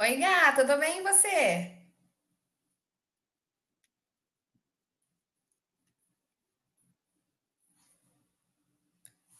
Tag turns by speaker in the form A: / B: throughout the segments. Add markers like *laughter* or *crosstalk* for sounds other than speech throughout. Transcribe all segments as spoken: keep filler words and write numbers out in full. A: Oi, gata, tudo bem e você?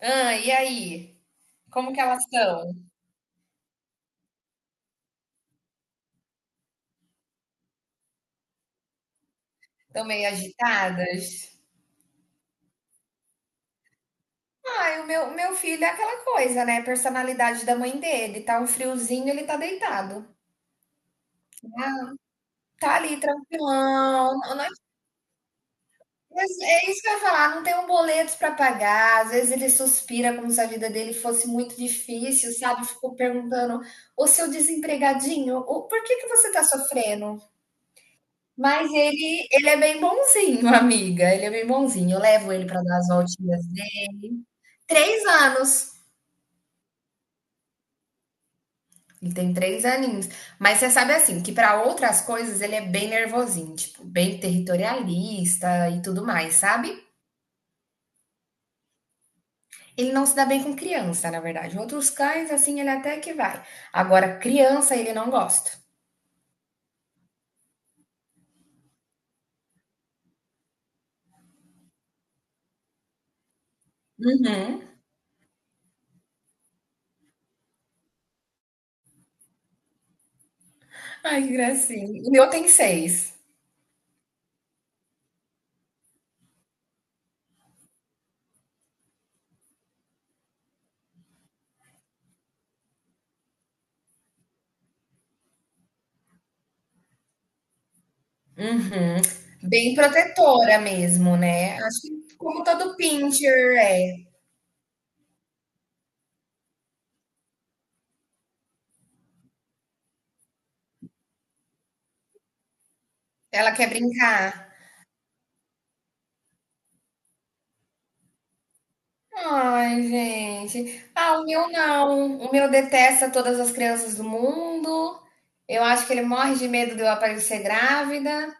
A: Ah, e aí? Como que elas estão? Estão meio agitadas? Ai, o meu, meu filho é aquela coisa, né? Personalidade da mãe dele. Tá um friozinho, ele tá deitado. Tá ali, tranquilão. Não- não- mas é isso que eu ia falar, não tem um boleto pra pagar. Às vezes ele suspira como se a vida dele fosse muito difícil, sabe? Ficou perguntando, ô seu desempregadinho, o- por que que você tá sofrendo? Mas ele ele é bem bonzinho, *laughs* amiga, ele é bem bonzinho. Eu levo ele para dar as voltinhas dele. três anos, ele tem três aninhos. Mas você sabe, assim, que para outras coisas ele é bem nervosinho, tipo, bem territorialista e tudo mais, sabe. Ele não se dá bem com criança, na verdade. Outros cães, assim, ele até que vai. Agora criança, ele não gosta. Uhum. Ai, que gracinha. O meu tem seis. Uhum. Bem protetora mesmo, né. Acho que como todo pincher é. Ela quer brincar. Ai, gente. Ah, o meu não. O meu detesta todas as crianças do mundo. Eu acho que ele morre de medo de eu aparecer grávida.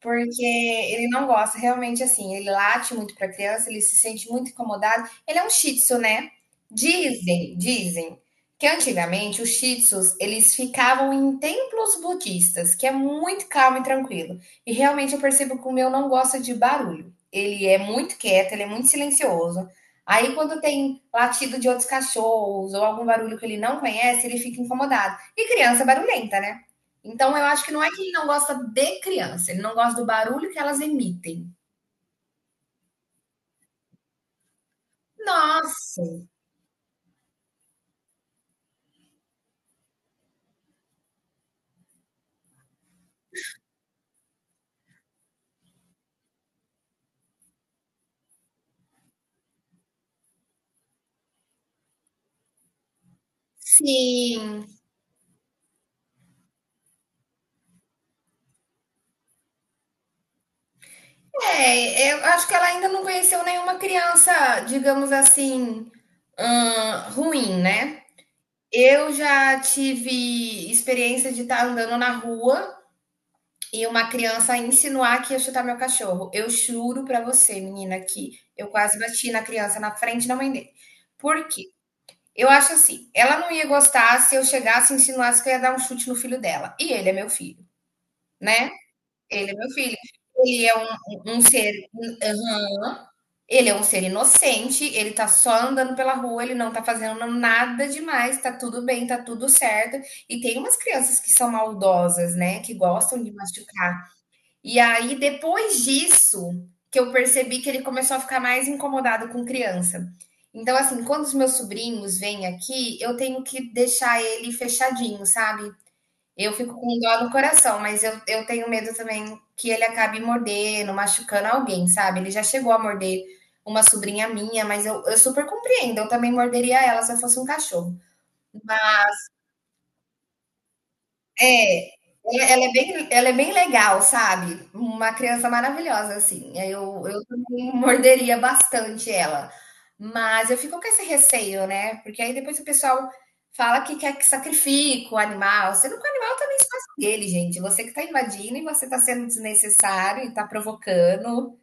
A: Porque ele não gosta, realmente assim, ele late muito para a criança, ele se sente muito incomodado. Ele é um shih tzu, né? Dizem, dizem que antigamente os shih tzus, eles ficavam em templos budistas, que é muito calmo e tranquilo. E realmente eu percebo que o meu não gosta de barulho. Ele é muito quieto, ele é muito silencioso. Aí quando tem latido de outros cachorros ou algum barulho que ele não conhece, ele fica incomodado. E criança é barulhenta, né? Então, eu acho que não é que ele não gosta de criança, ele não gosta do barulho que elas emitem. Nossa, sim. É, eu acho que ela ainda não conheceu nenhuma criança, digamos assim, hum, ruim, né? Eu já tive experiência de estar andando na rua e uma criança insinuar que ia chutar meu cachorro. Eu juro pra você, menina, que eu quase bati na criança na frente da mãe dele. Por quê? Eu acho assim, ela não ia gostar se eu chegasse e insinuasse que eu ia dar um chute no filho dela. E ele é meu filho, né? Ele é meu filho. Ele é um, um- um ser, aham, ele é um ser inocente, ele tá só andando pela rua, ele não tá fazendo nada demais, tá tudo bem, tá tudo certo. E tem umas crianças que são maldosas, né, que gostam de machucar. E aí, depois disso, que eu percebi que ele começou a ficar mais incomodado com criança. Então, assim, quando os meus sobrinhos vêm aqui, eu tenho que deixar ele fechadinho, sabe? Eu fico com dó no coração, mas eu, eu tenho medo também que ele acabe mordendo, machucando alguém, sabe? Ele já chegou a morder uma sobrinha minha, mas eu, eu super compreendo, eu também morderia ela se eu fosse um cachorro. É, ela ela é bem ela é bem legal, sabe. Uma criança maravilhosa, assim. eu eu também morderia bastante ela. Mas eu fico com esse receio, né, porque aí depois o pessoal fala que quer que sacrifica o animal, sendo que o animal também é espaço dele, gente. Você que está invadindo e você está sendo desnecessário e está provocando.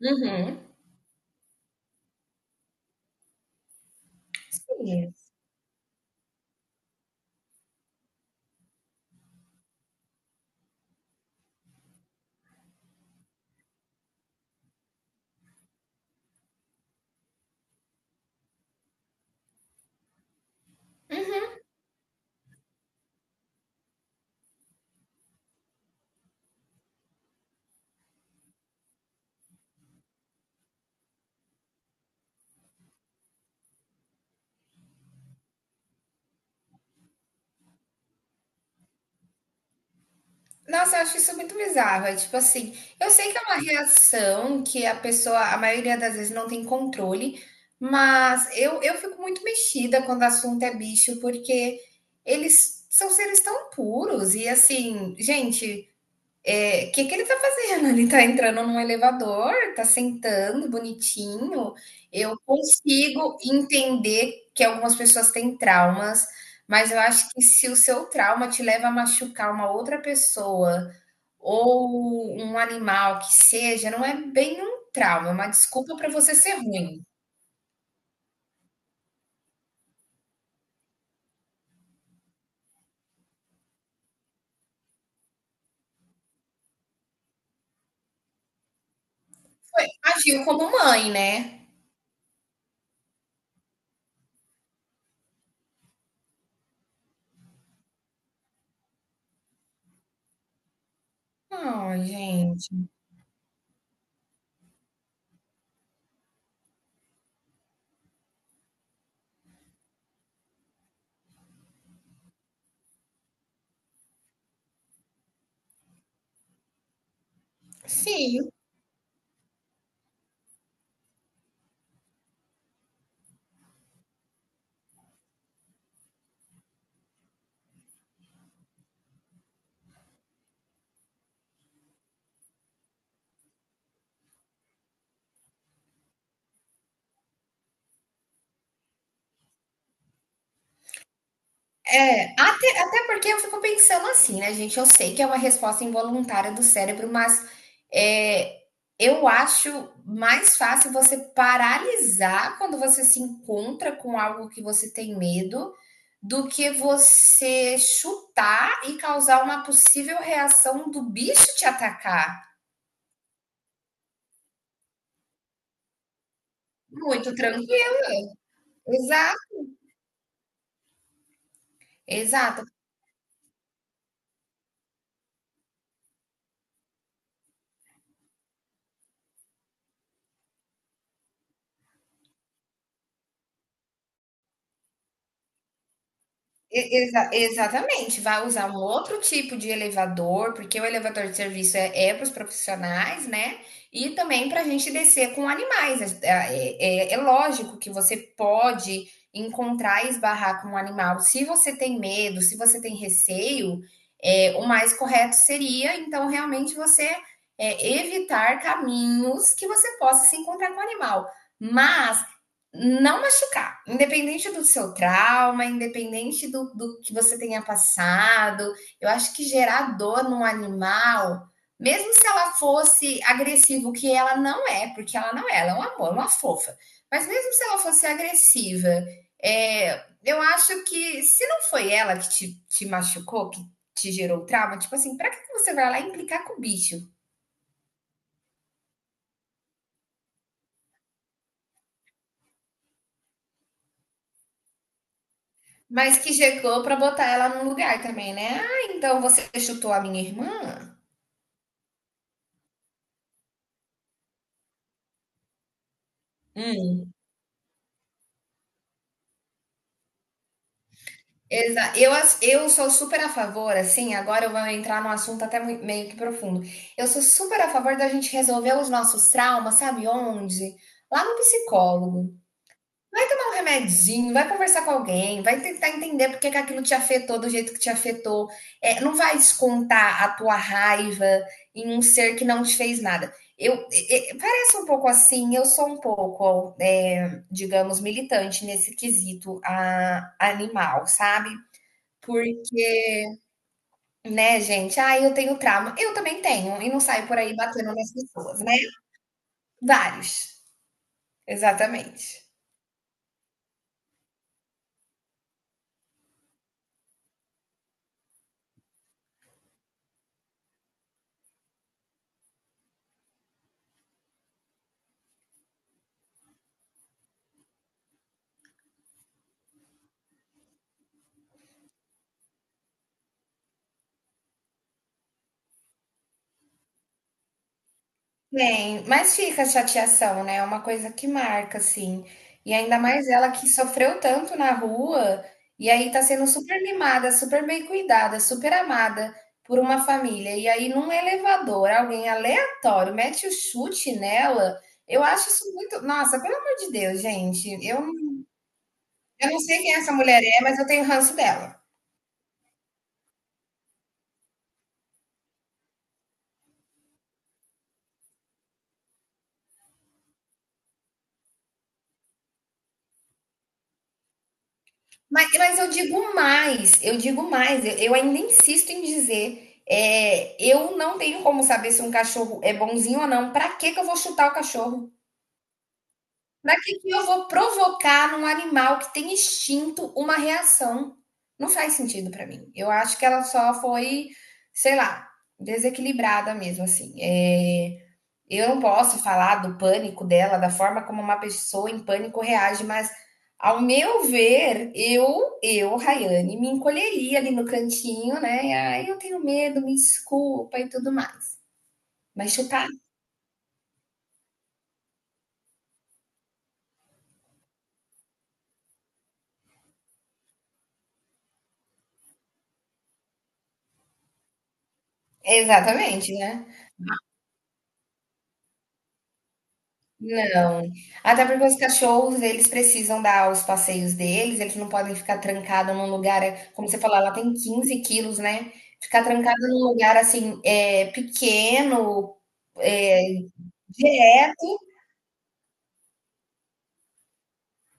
A: Uhum. Sim. Nossa, eu acho isso muito bizarro. É tipo assim, eu sei que é uma reação que a pessoa, a maioria das vezes, não tem controle, mas eu, eu fico muito mexida quando o assunto é bicho, porque eles são seres tão puros e assim, gente, é, o que que ele tá fazendo? Ele tá entrando num elevador, tá sentando bonitinho. Eu consigo entender que algumas pessoas têm traumas, mas eu acho que se o seu trauma te leva a machucar uma outra pessoa ou um animal que seja, não é bem um trauma, é uma desculpa para você ser ruim. Agiu como mãe, né? Ai, gente. Sim, É, até, até porque eu fico pensando assim, né, gente? Eu sei que é uma resposta involuntária do cérebro, mas é, eu acho mais fácil você paralisar quando você se encontra com algo que você tem medo do que você chutar e causar uma possível reação do bicho te atacar. Muito tranquilo. Exato, exato. E- exa- exatamente, vai usar um outro tipo de elevador, porque o elevador de serviço é, para os profissionais, né? E também para a gente descer com animais. É, é- é- é lógico que você pode encontrar e esbarrar com um animal. Se você tem medo, se você tem receio, é, o mais correto seria, então, realmente você é, evitar caminhos que você possa se encontrar com o animal. Mas não machucar, independente do seu trauma, independente do, do que você tenha passado, eu acho que gerar dor num animal, mesmo se ela fosse agressiva, o que ela não é, porque ela não é, ela é um amor, uma fofa, mas mesmo se ela fosse agressiva, é, eu acho que se não foi ela que te, te machucou, que te gerou trauma, tipo assim, pra que você vai lá implicar com o bicho? Mas que chegou pra botar ela num lugar também, né? Ah, então você chutou a minha irmã? Hum. Exa eu ass eu sou super a favor, assim, agora eu vou entrar num assunto até mui meio que profundo. Eu sou super a favor da gente resolver os nossos traumas, sabe onde? Lá no psicólogo. Vai tomar um remedinho, vai conversar com alguém, vai tentar entender por que que aquilo te afetou do jeito que te afetou. É, não vai descontar a tua raiva em um ser que não te fez nada. Eu, é, é, parece um pouco assim, eu sou um pouco, é, digamos, militante nesse quesito a, animal, sabe? Porque, né, gente, ah, eu tenho trauma. Eu também tenho, e não saio por aí batendo nas pessoas, né? Vários, exatamente. Tem, mas fica a chateação, né, é uma coisa que marca, assim. E ainda mais ela que sofreu tanto na rua, e aí tá sendo super mimada, super bem cuidada, super amada por uma família, e aí num elevador, alguém aleatório mete o chute nela, eu acho isso muito nossa, pelo amor de Deus, gente, eu eu não sei quem essa mulher é, mas eu tenho ranço dela. Mas, mas eu digo mais, eu digo mais, eu, eu ainda insisto em dizer, é, eu não tenho como saber se um cachorro é bonzinho ou não. Para que que eu vou chutar o cachorro? Para que que eu vou provocar num animal que tem instinto uma reação? Não faz sentido para mim. Eu acho que ela só foi, sei lá, desequilibrada mesmo, assim. É, eu não posso falar do pânico dela, da forma como uma pessoa em pânico reage, mas ao meu ver, eu, eu, Rayane, me encolheria ali no cantinho, né? E, Ai, eu tenho medo, me desculpa e tudo mais. Mas chutar? Exatamente, né? Não. Até porque os cachorros, eles precisam dar os passeios deles, eles não podem ficar trancados num lugar, é, como você falou, ela tem quinze quilos, né? Ficar trancada num lugar assim, é, pequeno, é, direto.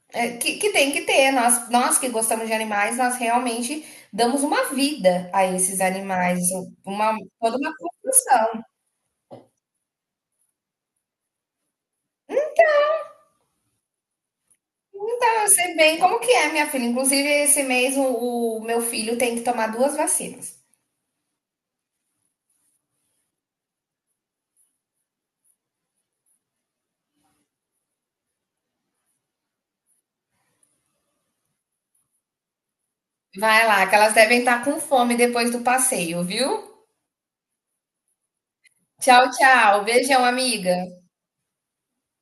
A: É, que, que tem que ter. Nós, nós que gostamos de animais, nós realmente damos uma vida a esses animais, uma, toda uma construção. Então, eu sei bem como que é, minha filha. Inclusive, esse mês o, o meu filho tem que tomar duas vacinas. Vai lá, que elas devem estar com fome depois do passeio, viu? Tchau, tchau. Beijão, amiga.